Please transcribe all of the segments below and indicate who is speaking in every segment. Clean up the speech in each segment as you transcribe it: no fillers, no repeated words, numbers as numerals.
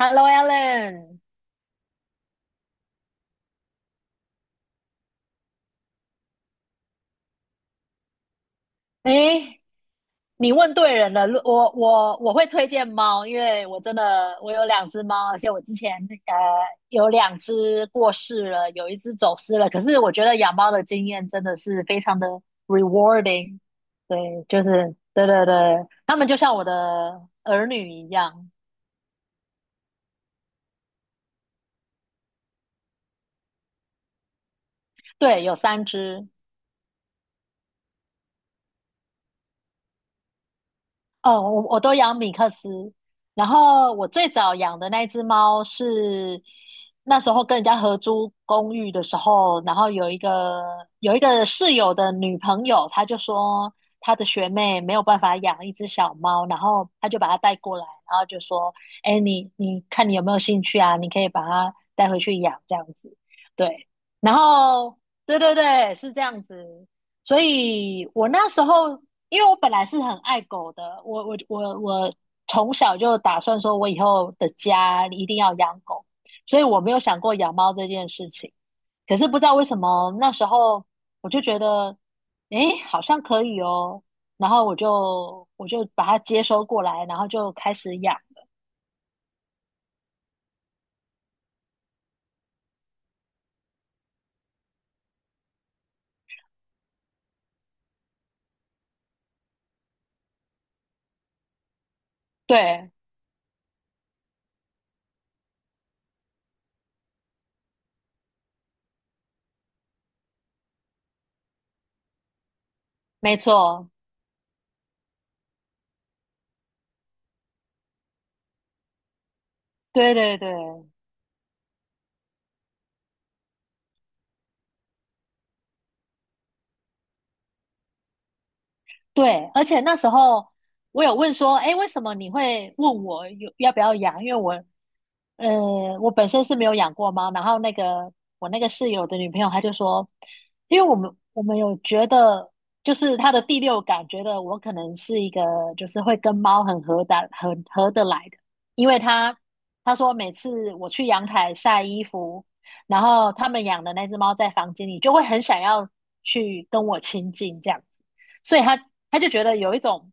Speaker 1: Hello，Alan。诶，你问对人了。如我我我会推荐猫，因为我真的我有两只猫，而且我之前呃有两只过世了，有一只走失了。可是我觉得养猫的经验真的是非常的 rewarding。对，就是对对对，他们就像我的儿女一样。对，有三只。哦，我都养米克斯，然后我最早养的那一只猫是那时候跟人家合租公寓的时候，然后有一个室友的女朋友，她就说她的学妹没有办法养一只小猫，然后她就把它带过来，然后就说："哎，你看你有没有兴趣啊？你可以把它带回去养这样子。"对，然后对对对，是这样子。所以我那时候，因为我本来是很爱狗的，我从小就打算说，我以后的家一定要养狗，所以我没有想过养猫这件事情。可是不知道为什么那时候我就觉得，诶，好像可以哦，然后我就把它接收过来，然后就开始养了。对，没错，对对对对，而且那时候我有问说，诶，为什么你会问我有要不要养？因为我本身是没有养过猫，然后那个我那个室友的女朋友，她就说，因为我们有觉得，就是她的第六感觉得我可能是一个就是会跟猫很合得来的，因为她说每次我去阳台晒衣服，然后他们养的那只猫在房间里就会很想要去跟我亲近这样子，所以她就觉得有一种，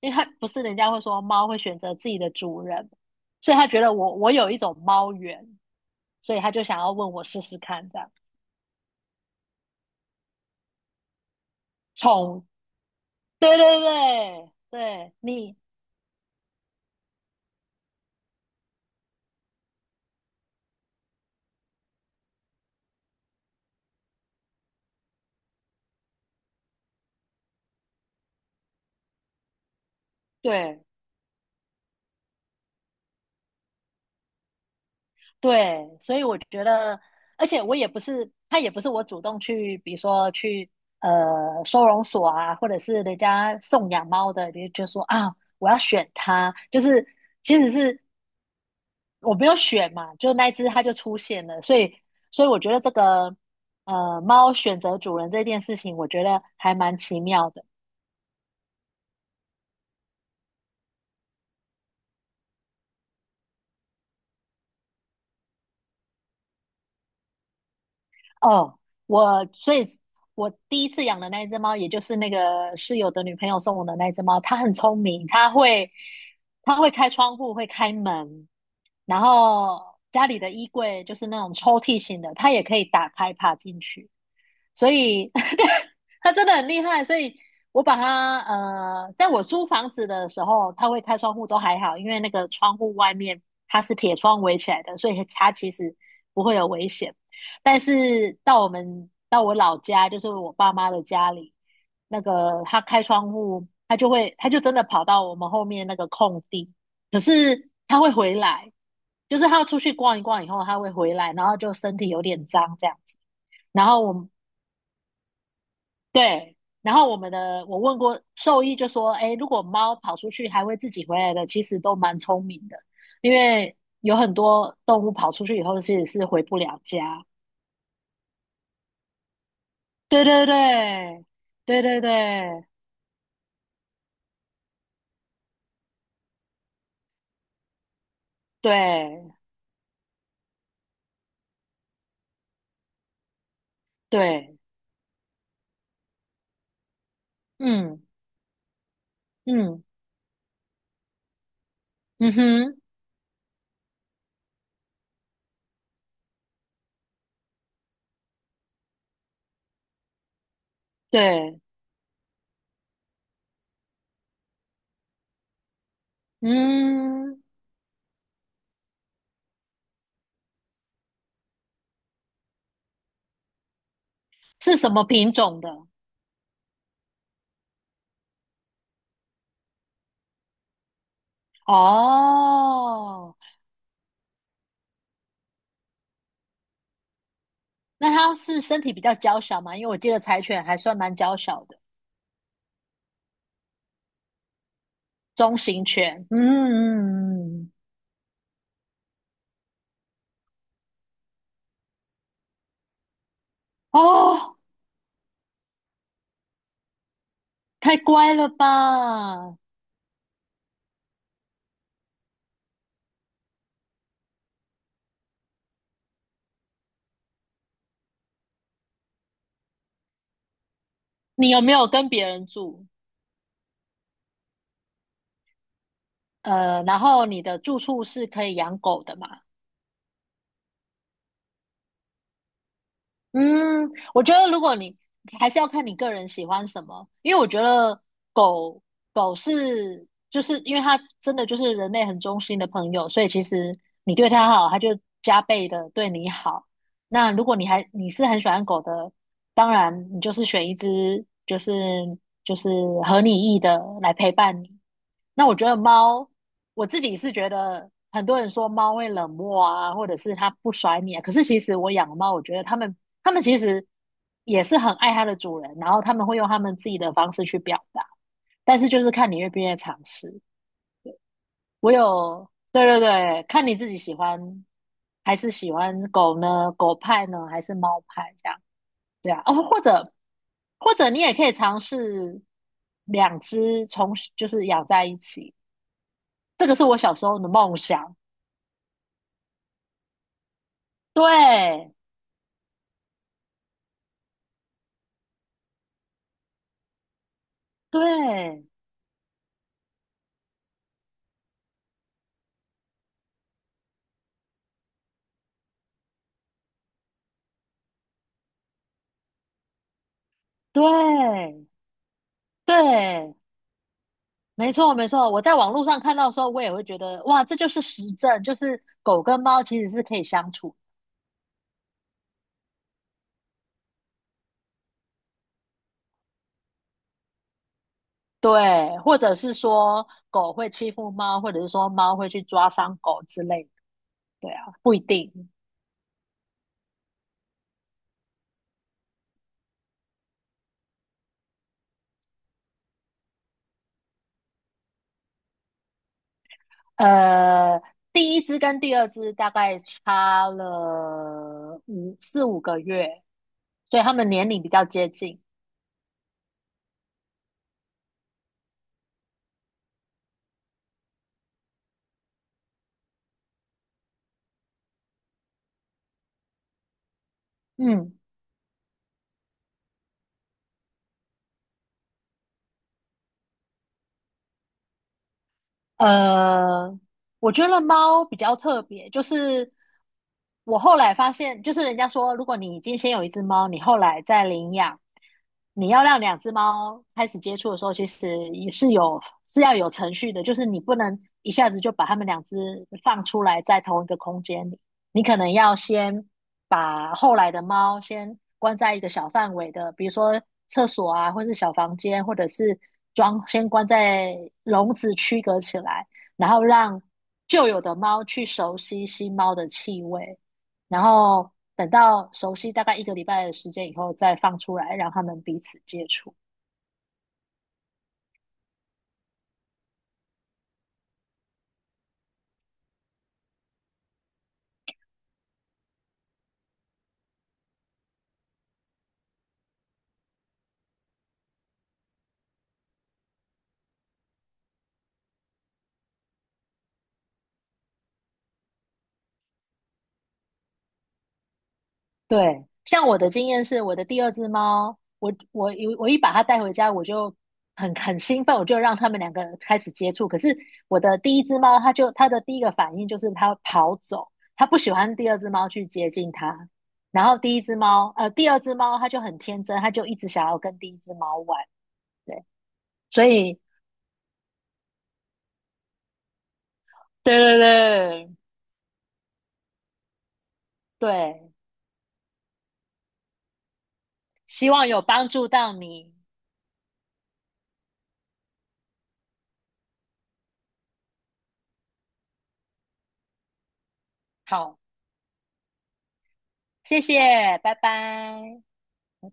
Speaker 1: 因为她不是人家会说猫会选择自己的主人。所以他觉得我有一种猫缘，所以他就想要问我试试看这样。宠，对对对对，你对对，所以我觉得，而且我也不是他也不是我主动去，比如说去收容所啊，或者是人家送养猫的，就说啊我要选它，就是其实是我没有选嘛，就那一只它就出现了，所以我觉得这个。猫选择主人这件事情，我觉得还蛮奇妙的。哦，我所以，我第一次养的那一只猫，也就是那个室友的女朋友送我的那一只猫，它很聪明，它会开窗户，会开门，然后家里的衣柜就是那种抽屉型的，它也可以打开爬进去，所以 它真的很厉害。所以我把它在我租房子的时候，它会开窗户都还好，因为那个窗户外面它是铁窗围起来的，所以它其实不会有危险。但是到我老家，就是我爸妈的家里，那个他开窗户，他就真的跑到我们后面那个空地，可是它会回来，就是它出去逛一逛以后，它会回来，然后就身体有点脏这样子。然后我们对，然后我们的我问过兽医，就说，哎，如果猫跑出去还会自己回来的，其实都蛮聪明的，因为有很多动物跑出去以后其实是回不了家。对对对，对对对对对，嗯嗯嗯哼，对，嗯，是什么品种的？哦，那它是身体比较娇小嘛？因为我记得柴犬还算蛮娇小的，中型犬。嗯嗯嗯，嗯哦，太乖了吧？你有没有跟别人住？然后你的住处是可以养狗的嘛？嗯，我觉得如果你还是要看你个人喜欢什么，因为我觉得狗狗是就是因为它真的就是人类很忠心的朋友，所以其实你对它好，它就加倍的对你好。那如果你是很喜欢狗的，当然你就是选一只就是合你意的来陪伴你。那我觉得猫，我自己是觉得很多人说猫会冷漠啊，或者是它不甩你啊。可是其实我养的猫，我觉得它们其实也是很爱它的主人，然后他们会用他们自己的方式去表达，但是就是看你愿不愿意尝试。我有，对对对，看你自己喜欢还是喜欢狗呢？狗派呢，还是猫派这样？对啊，哦，或者你也可以尝试两只就是养在一起。这个是我小时候的梦想。对，对，对，对，没错，没错。我在网络上看到的时候，我也会觉得，哇，这就是实证，就是狗跟猫其实是可以相处。对，或者是说狗会欺负猫，或者是说猫会去抓伤狗之类的。对啊，不一定。呃，第一只跟第二只大概差了四五个月，所以它们年龄比较接近。嗯。呃，我觉得猫比较特别，就是我后来发现，就是人家说，如果你已经先有一只猫，你后来再领养，你要让两只猫开始接触的时候，其实也是要有程序的，就是你不能一下子就把它们两只放出来在同一个空间里，你可能要先，把后来的猫先关在一个小范围的，比如说厕所啊，或是小房间，或者是先关在笼子区隔起来，然后让旧有的猫去熟悉新猫的气味，然后等到熟悉大概一个礼拜的时间以后再放出来，让它们彼此接触。对，像我的经验是，我的第二只猫，我一把它带回家，我就很兴奋，我就让他们两个开始接触。可是我的第一只猫，它的第一个反应就是它跑走，它不喜欢第二只猫去接近它。然后第二只猫它就很天真，它就一直想要跟第一只猫玩。对，所以对对对对，希望有帮助到你。好，谢谢，拜拜，拜拜。